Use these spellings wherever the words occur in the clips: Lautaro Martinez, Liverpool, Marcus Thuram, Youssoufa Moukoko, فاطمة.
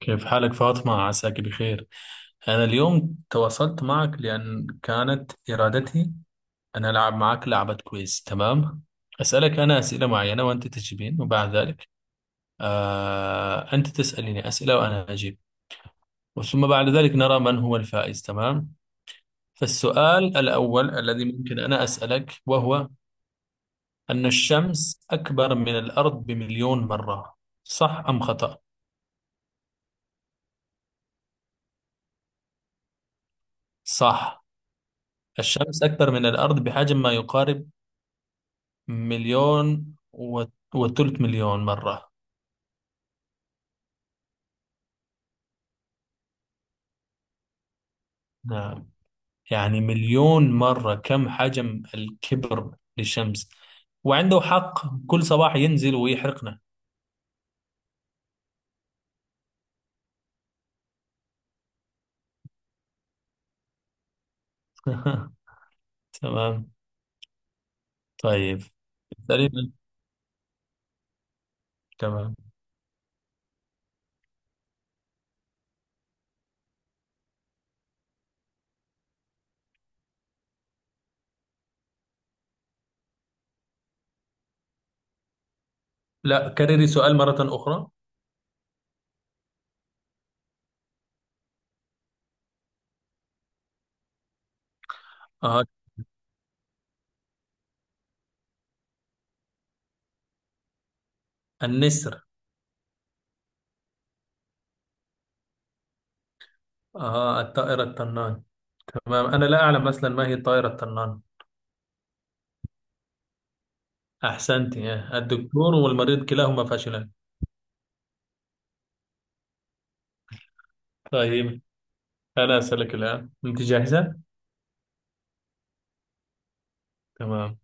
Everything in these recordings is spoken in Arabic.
كيف حالك، فاطمة؟ عساك بخير. أنا اليوم تواصلت معك لأن كانت إرادتي أن ألعب معك لعبة. كويس، تمام. أسألك أنا أسئلة معينة وأنت تجيبين، وبعد ذلك أنت تسأليني أسئلة وأنا أجيب. ثم بعد ذلك نرى من هو الفائز، تمام. فالسؤال الأول الذي ممكن أنا أسألك، وهو أن الشمس أكبر من الأرض بمليون مرة، صح أم خطأ؟ صح. الشمس أكبر من الأرض بحجم ما يقارب مليون وثلث مليون مرة. نعم، يعني مليون مرة كم حجم الكبر للشمس، وعنده حق كل صباح ينزل ويحرقنا. تمام. طيب. تقريبا. تمام. لا، كرري سؤال مرة أخرى. آه. النسر. آه. الطائر الطنان. تمام، أنا لا أعلم مثلا ما هي الطائرة الطنان. أحسنت. آه. الدكتور والمريض كلاهما فاشلان. طيب، أنا أسألك الآن، أنت جاهزة؟ تمام.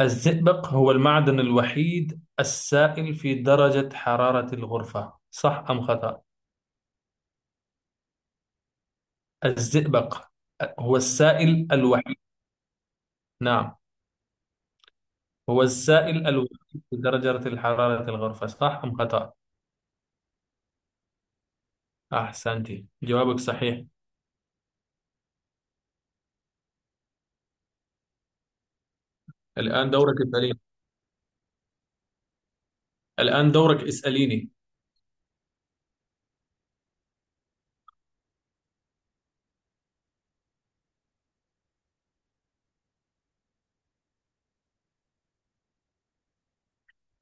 الزئبق هو المعدن الوحيد السائل في درجة حرارة الغرفة، صح أم خطأ؟ الزئبق هو السائل الوحيد. نعم، هو السائل الوحيد في درجة حرارة الغرفة، صح أم خطأ؟ أحسنتي، جوابك صحيح. الآن دورك، اسأليني. الآن دورك، اسأليني.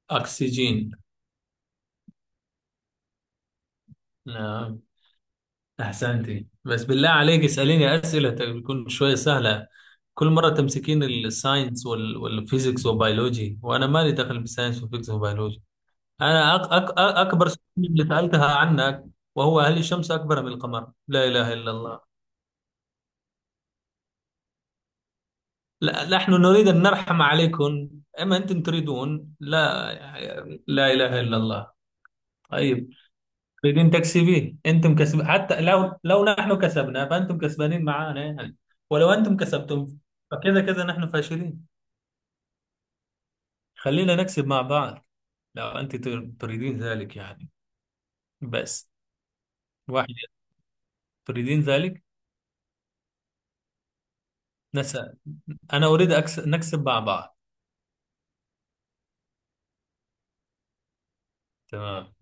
أكسجين. نعم، أحسنتي. بس بالله عليك اسأليني أسئلة تكون شوية سهلة. كل مرة تمسكين الساينس والفيزيكس وبيولوجي، وأنا مالي دخل بالساينس والفيزيكس وبيولوجي. أنا أكبر سؤال اللي سألتها عنك، وهو هل الشمس أكبر من القمر؟ لا إله إلا الله. لا، نحن نريد أن نرحم عليكم، أما أنتم تريدون لا. لا إله إلا الله. طيب، بدين تكسبين انتم كسب، حتى لو نحن كسبنا فانتم كسبانين معانا يعني، ولو انتم كسبتم فكذا كذا نحن فاشلين. خلينا نكسب مع بعض، لو انت تريدين ذلك يعني. بس. واحد. تريدين ذلك. نسأل. انا اريد نكسب مع بعض. تمام.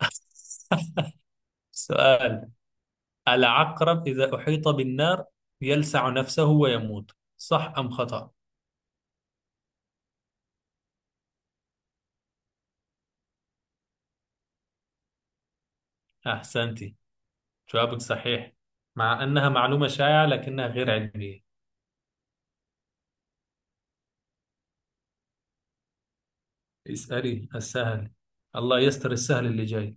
سؤال. العقرب اذا احيط بالنار يلسع نفسه ويموت، صح ام خطأ. احسنتي، جوابك صحيح، مع انها معلومة شائعة لكنها غير علمية. اسألي السهل. الله يستر السهل اللي جاي.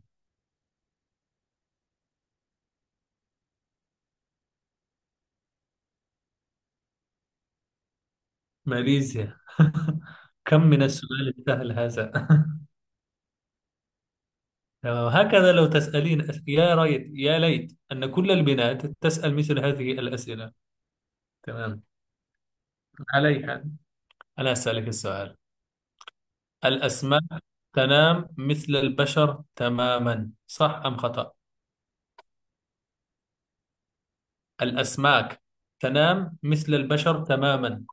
ماليزيا. كم من السؤال السهل هذا. هكذا لو تسألين يا ريت يا ليت أن كل البنات تسأل مثل هذه الأسئلة. تمام. علي حال، أنا أسألك السؤال. الأسماك تنام مثل البشر تماما، صح أم خطأ؟ الأسماك تنام مثل البشر تماما،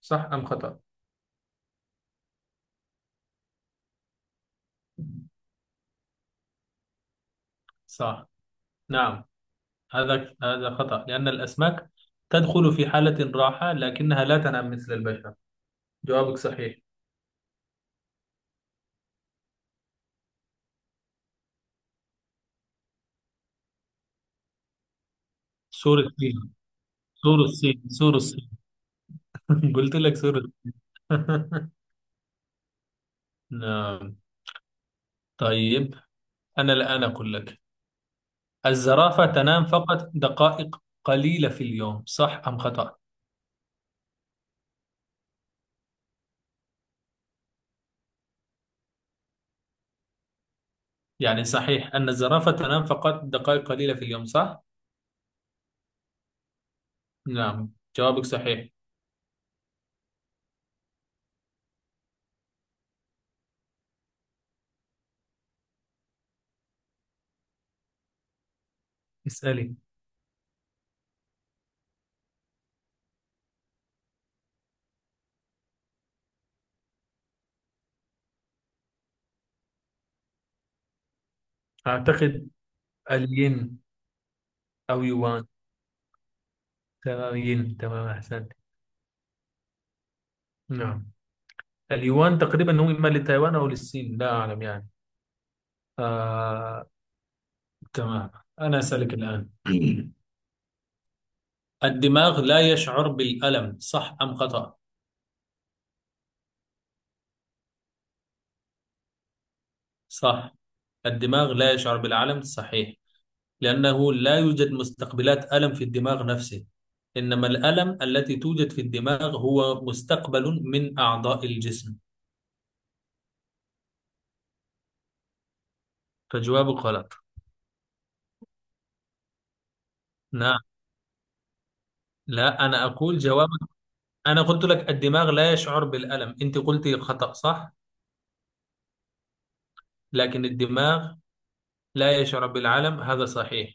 صح أم خطأ؟ صح. نعم، هذا خطأ لأن الأسماك تدخل في حالة راحة لكنها لا تنام مثل البشر. جوابك صحيح. سور الصين. سور الصين. سور الصين. قلت لك سور الصين. نعم. طيب، أنا الآن أقول لك. الزرافة تنام فقط دقائق قليلة في اليوم، صح أم خطأ؟ يعني صحيح أن الزرافة تنام فقط دقائق قليلة في اليوم، صح؟ نعم، جوابك صحيح. اسألي. أعتقد الين. أو يوان. تمام، ين، تمام، أحسنت. نعم، اليوان تقريبا هو إما لتايوان أو للصين، لا أعلم يعني. آه، تمام. أنا أسألك الآن. الدماغ لا يشعر بالألم، صح أم خطأ؟ صح. الدماغ لا يشعر بالألم، صحيح، لأنه لا يوجد مستقبلات ألم في الدماغ نفسه، إنما الألم التي توجد في الدماغ هو مستقبل من أعضاء الجسم. فجوابك غلط. نعم، لا، أنا أقول جوابك. أنا قلت لك الدماغ لا يشعر بالألم، أنت قلت خطأ، صح؟ لكن الدماغ لا يشعر بالعلم، هذا صحيح.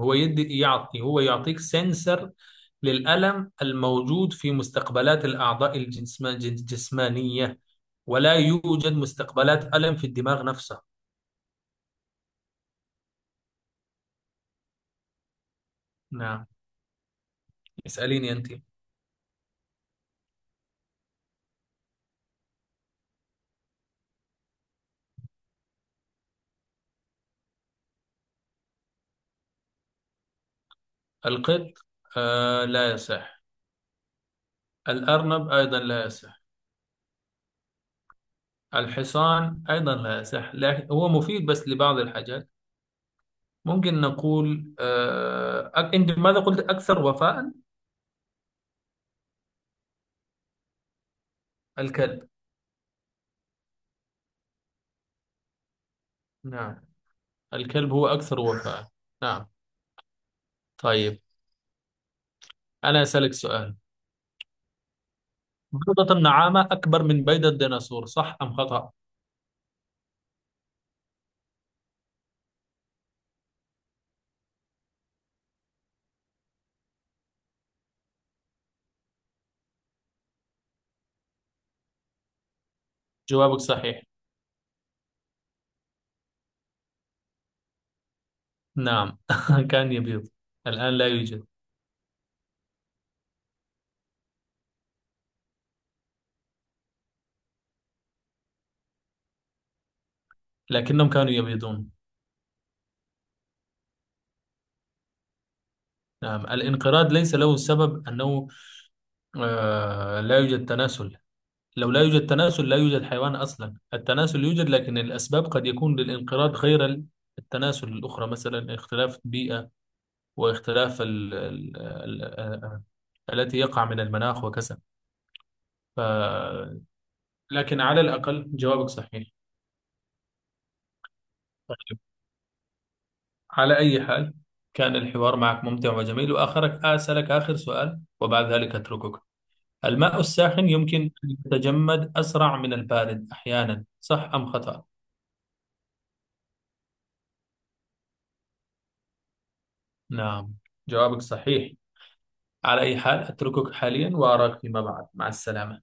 هو يعطيك سنسر للألم الموجود في مستقبلات الأعضاء الجسمانية، ولا يوجد مستقبلات ألم في الدماغ نفسه. نعم، اسأليني أنت. القط. آه، لا يصح. الأرنب أيضا لا يصح. الحصان أيضا لا يصح، لكن هو مفيد بس لبعض الحاجات. ممكن نقول أنت ماذا قلت، أكثر وفاء. الكلب. نعم، الكلب هو أكثر وفاء. نعم. طيب، أنا أسألك سؤال. بيضة النعامة أكبر من بيضة الديناصور، صح أم خطأ؟ جوابك صحيح. نعم، كان يبيض، الآن لا يوجد. لكنهم كانوا يبيضون. نعم، الانقراض ليس له سبب أنه لا يوجد تناسل. لو لا يوجد تناسل لا يوجد حيوان أصلا. التناسل يوجد، لكن الأسباب قد يكون للانقراض غير التناسل، الأخرى مثلا اختلاف البيئة، واختلاف ال ال ال التي يقع من المناخ وكذا. لكن على الأقل جوابك صحيح. طيب، على أي حال، كان الحوار معك ممتع وجميل، وآخرك أسألك آخر سؤال وبعد ذلك أتركك. الماء الساخن يمكن أن يتجمد أسرع من البارد أحيانا، صح أم خطأ؟ نعم، جوابك صحيح. على أي حال أتركك حاليا وأراك فيما بعد. مع السلامة.